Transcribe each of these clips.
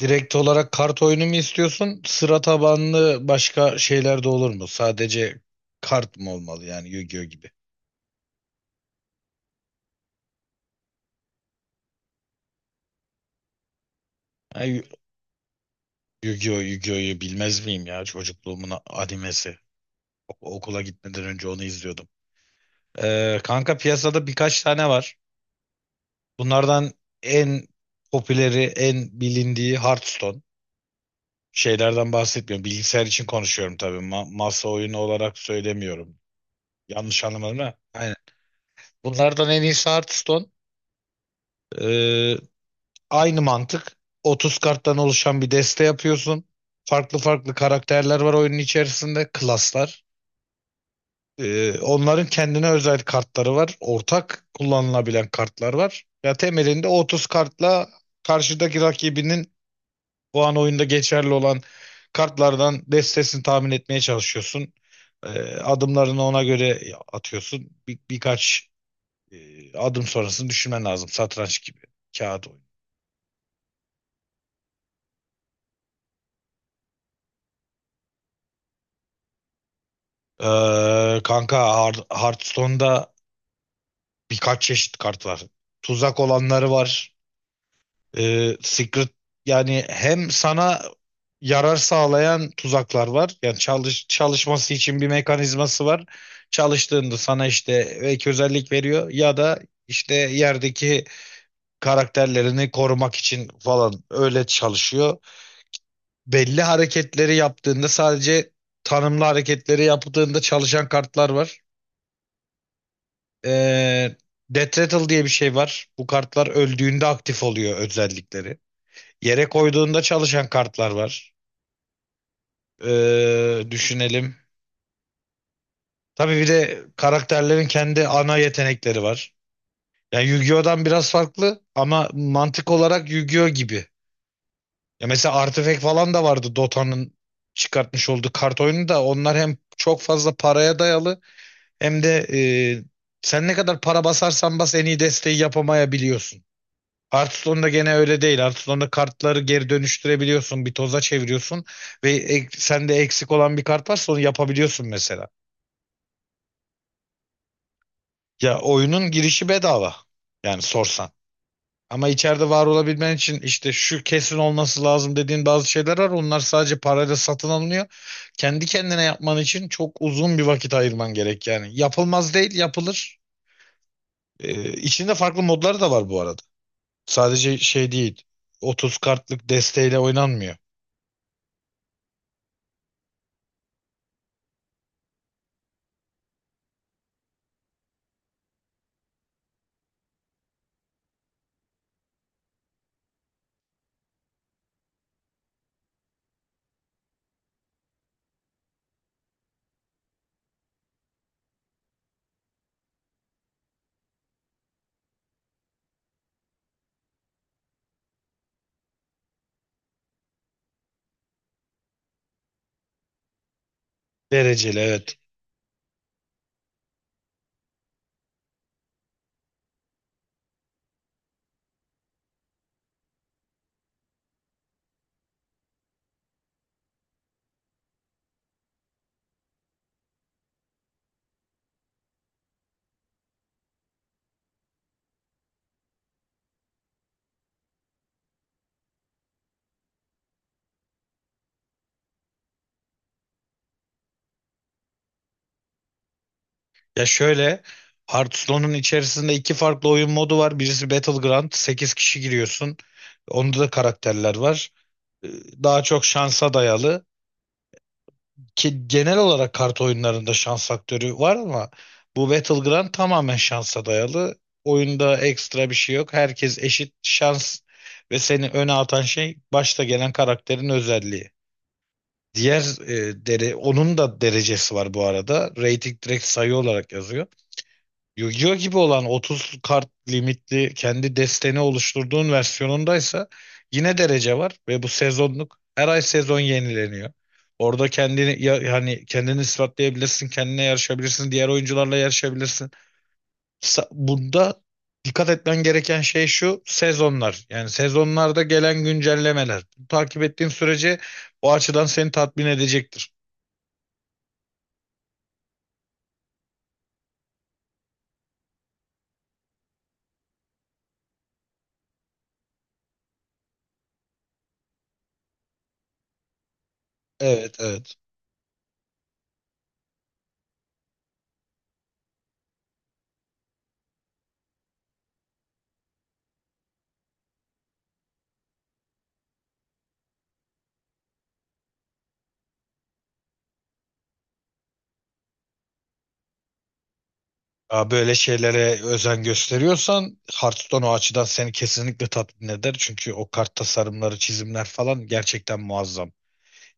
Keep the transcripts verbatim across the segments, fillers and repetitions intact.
Direkt olarak kart oyunu mu istiyorsun? Sıra tabanlı başka şeyler de olur mu? Sadece kart mı olmalı yani Yu-Gi-Oh gibi? Ha, Yu- Yu-Gi-Oh, Yu-Gi-Oh'yu bilmez miyim ya? Çocukluğumun a- animesi. O- okula gitmeden önce onu izliyordum. Ee, kanka, piyasada birkaç tane var. Bunlardan en popüleri, en bilindiği Hearthstone. Şeylerden bahsetmiyorum. Bilgisayar için konuşuyorum tabii. Ma- masa oyunu olarak söylemiyorum. Yanlış anlamadım ha? Aynen. Bunlardan en iyisi Hearthstone. Ee, Aynı mantık. otuz karttan oluşan bir deste yapıyorsun. Farklı farklı karakterler var oyunun içerisinde. Klaslar. Ee, onların kendine özel kartları var. Ortak kullanılabilen kartlar var. Ya temelinde otuz kartla karşıdaki rakibinin o an oyunda geçerli olan kartlardan destesini tahmin etmeye çalışıyorsun. Ee, Adımlarını ona göre atıyorsun. Bir, birkaç e, adım sonrasını düşünmen lazım. Satranç gibi. Kağıt oyunu. Ee, kanka, Har- Hearthstone'da birkaç çeşit kart var. Tuzak olanları var. Ee, Secret, yani hem sana yarar sağlayan tuzaklar var. Yani çalış çalışması için bir mekanizması var. Çalıştığında sana işte ek özellik veriyor ya da işte yerdeki karakterlerini korumak için falan öyle çalışıyor. Belli hareketleri yaptığında sadece Tanımlı hareketleri yaptığında çalışan kartlar var. Ee, Death Rattle diye bir şey var. Bu kartlar öldüğünde aktif oluyor özellikleri. Yere koyduğunda çalışan kartlar var. Ee, düşünelim. Tabii bir de karakterlerin kendi ana yetenekleri var. Yani Yu-Gi-Oh'dan biraz farklı ama mantık olarak Yu-Gi-Oh gibi. Ya mesela Artifact falan da vardı, Dota'nın çıkartmış olduğu kart oyunu. Da onlar hem çok fazla paraya dayalı hem de e, sen ne kadar para basarsan bas en iyi desteği yapamayabiliyorsun. Hearthstone'da gene öyle değil. Hearthstone'da kartları geri dönüştürebiliyorsun. Bir toza çeviriyorsun ve ek, sende eksik olan bir kart varsa onu yapabiliyorsun mesela. Ya oyunun girişi bedava. Yani sorsan. Ama içeride var olabilmen için işte şu kesin olması lazım dediğin bazı şeyler var. Onlar sadece parayla satın alınıyor. Kendi kendine yapman için çok uzun bir vakit ayırman gerek yani. Yapılmaz değil, yapılır. Ee, içinde farklı modlar da var bu arada. Sadece şey değil. otuz kartlık desteğiyle oynanmıyor. Dereceli evet. Ya şöyle, Hearthstone'un içerisinde iki farklı oyun modu var. Birisi Battleground, sekiz kişi giriyorsun. Onda da karakterler var. Ee, Daha çok şansa dayalı. Ki genel olarak kart oyunlarında şans faktörü var ama bu Battleground tamamen şansa dayalı. Oyunda ekstra bir şey yok. Herkes eşit şans ve seni öne atan şey başta gelen karakterin özelliği. Diğer e, dere, onun da derecesi var bu arada. Rating direkt sayı olarak yazıyor. Yu-Gi-Oh gibi olan otuz kart limitli kendi desteni oluşturduğun versiyonundaysa yine derece var ve bu sezonluk, her ay sezon yenileniyor. Orada kendini, ya hani, kendini ispatlayabilirsin, kendine yarışabilirsin, diğer oyuncularla yarışabilirsin. Sa- Bunda dikkat etmen gereken şey şu sezonlar. Yani sezonlarda gelen güncellemeler. Takip ettiğin sürece o açıdan seni tatmin edecektir. Evet, evet. Ya böyle şeylere özen gösteriyorsan Hearthstone o açıdan seni kesinlikle tatmin eder. Çünkü o kart tasarımları, çizimler falan gerçekten muazzam.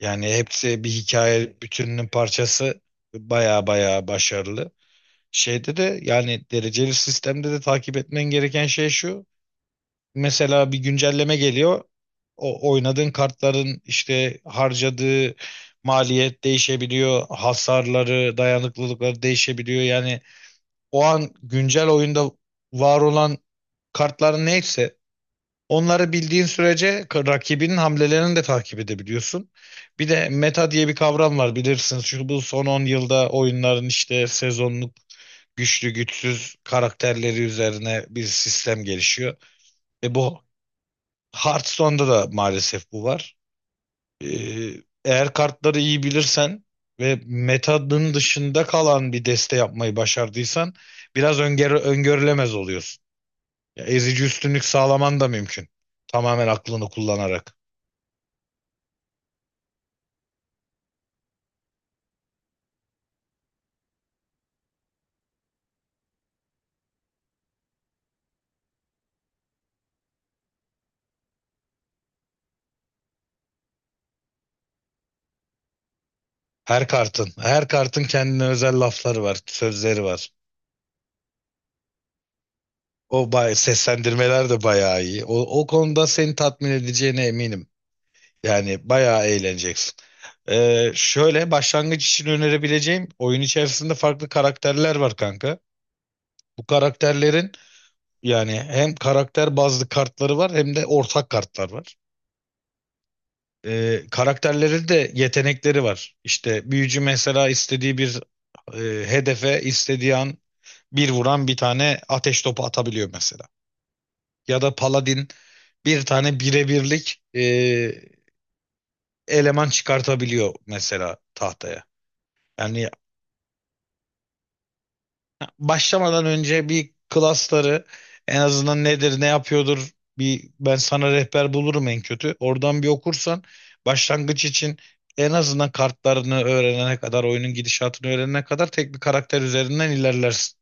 Yani hepsi bir hikaye bütününün parçası. Baya baya başarılı. Şeyde de, yani dereceli sistemde de, takip etmen gereken şey şu. Mesela bir güncelleme geliyor. O oynadığın kartların işte harcadığı maliyet değişebiliyor. Hasarları, dayanıklılıkları değişebiliyor. Yani o an güncel oyunda var olan kartların neyse onları bildiğin sürece k- rakibinin hamlelerini de takip edebiliyorsun. Bir de meta diye bir kavram var, bilirsiniz. Şu bu son on yılda oyunların işte sezonluk güçlü güçsüz karakterleri üzerine bir sistem gelişiyor. Ve bu Hearthstone'da da maalesef bu var. Ee, Eğer kartları iyi bilirsen ve metanın dışında kalan bir deste yapmayı başardıysan biraz öngörü- öngörülemez oluyorsun. Ya ezici üstünlük sağlaman da mümkün. Tamamen aklını kullanarak. Her kartın, her kartın kendine özel lafları var, sözleri var. O bay seslendirmeler de bayağı iyi. O, o konuda seni tatmin edeceğine eminim. Yani bayağı eğleneceksin. Ee, şöyle, başlangıç için önerebileceğim, oyun içerisinde farklı karakterler var kanka. Bu karakterlerin, yani hem karakter bazlı kartları var hem de ortak kartlar var. E, karakterlerin de yetenekleri var. İşte büyücü mesela istediği bir e, hedefe istediği an bir vuran bir tane ateş topu atabiliyor mesela. Ya da paladin bir tane birebirlik e, eleman çıkartabiliyor mesela tahtaya. Yani başlamadan önce bir klasları en azından nedir ne yapıyordur, bir ben sana rehber bulurum en kötü. Oradan bir okursan, başlangıç için en azından, kartlarını öğrenene kadar, oyunun gidişatını öğrenene kadar tek bir karakter üzerinden ilerlersin.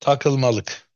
Takılmalık.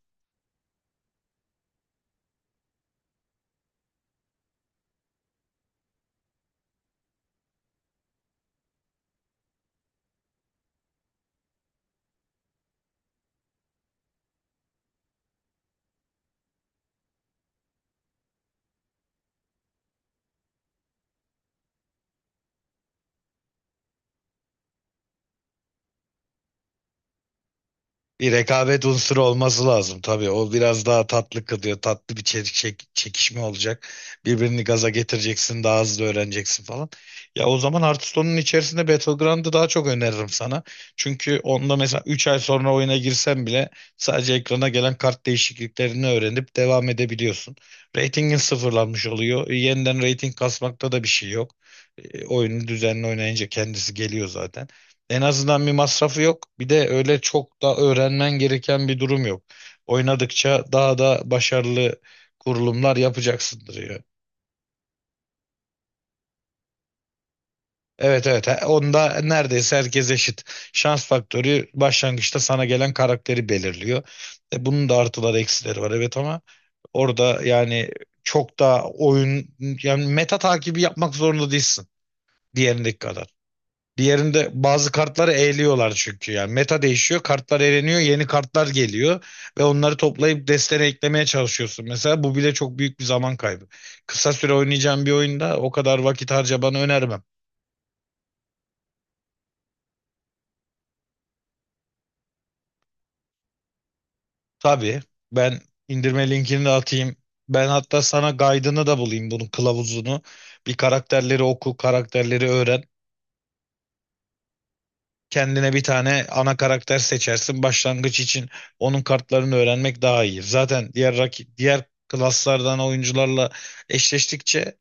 Bir rekabet unsuru olması lazım tabii. O biraz daha tatlı kılıyor. Tatlı bir çe- çek- çekişme olacak. Birbirini gaza getireceksin, daha hızlı öğreneceksin falan. Ya o zaman Hearthstone'un içerisinde Battleground'ı daha çok öneririm sana. Çünkü onda mesela üç ay sonra oyuna girsen bile sadece ekrana gelen kart değişikliklerini öğrenip devam edebiliyorsun. Ratingin sıfırlanmış oluyor. E, yeniden rating kasmakta da bir şey yok. E, oyunu düzenli oynayınca kendisi geliyor zaten. En azından bir masrafı yok. Bir de öyle çok da öğrenmen gereken bir durum yok. Oynadıkça daha da başarılı kurulumlar yapacaksındır ya. Evet, evet. He- onda neredeyse herkes eşit. Şans faktörü başlangıçta sana gelen karakteri belirliyor. E, bunun da artıları eksileri var evet ama orada yani çok da oyun yani meta takibi yapmak zorunda değilsin diğerindeki kadar. Diğerinde bazı kartları eğliyorlar çünkü yani. Meta değişiyor, kartlar eğleniyor, yeni kartlar geliyor ve onları toplayıp destene eklemeye çalışıyorsun. Mesela bu bile çok büyük bir zaman kaybı. Kısa süre oynayacağım bir oyunda o kadar vakit harcamanı önermem. Tabii ben indirme linkini de atayım. Ben hatta sana guide'ını da bulayım, bunun kılavuzunu. Bir karakterleri oku, karakterleri öğren. Kendine bir tane ana karakter seçersin. Başlangıç için onun kartlarını öğrenmek daha iyi. Zaten diğer rakip, diğer klaslardan oyuncularla eşleştikçe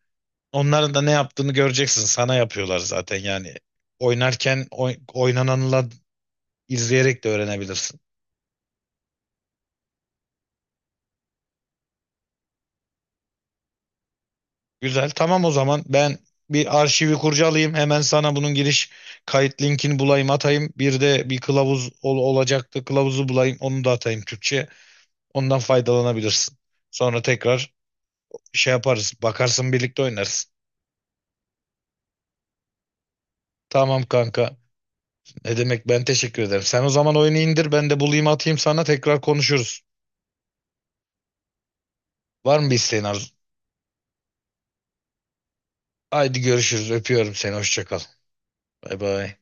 onların da ne yaptığını göreceksin. Sana yapıyorlar zaten yani. Oynarken oy- oynananla izleyerek de öğrenebilirsin. Güzel. Tamam, o zaman ben bir arşivi kurcalayayım. Hemen sana bunun giriş kayıt linkini bulayım atayım. Bir de bir kılavuz ol- olacaktı. Kılavuzu bulayım, onu da atayım, Türkçe. Ondan faydalanabilirsin. Sonra tekrar şey yaparız. Bakarsın birlikte oynarız. Tamam kanka. Ne demek, ben teşekkür ederim. Sen o zaman oyunu indir, ben de bulayım atayım, sana tekrar konuşuruz. Var mı bir isteğin Arzu? Haydi görüşürüz. Öpüyorum seni. Hoşça kal. Bay bay.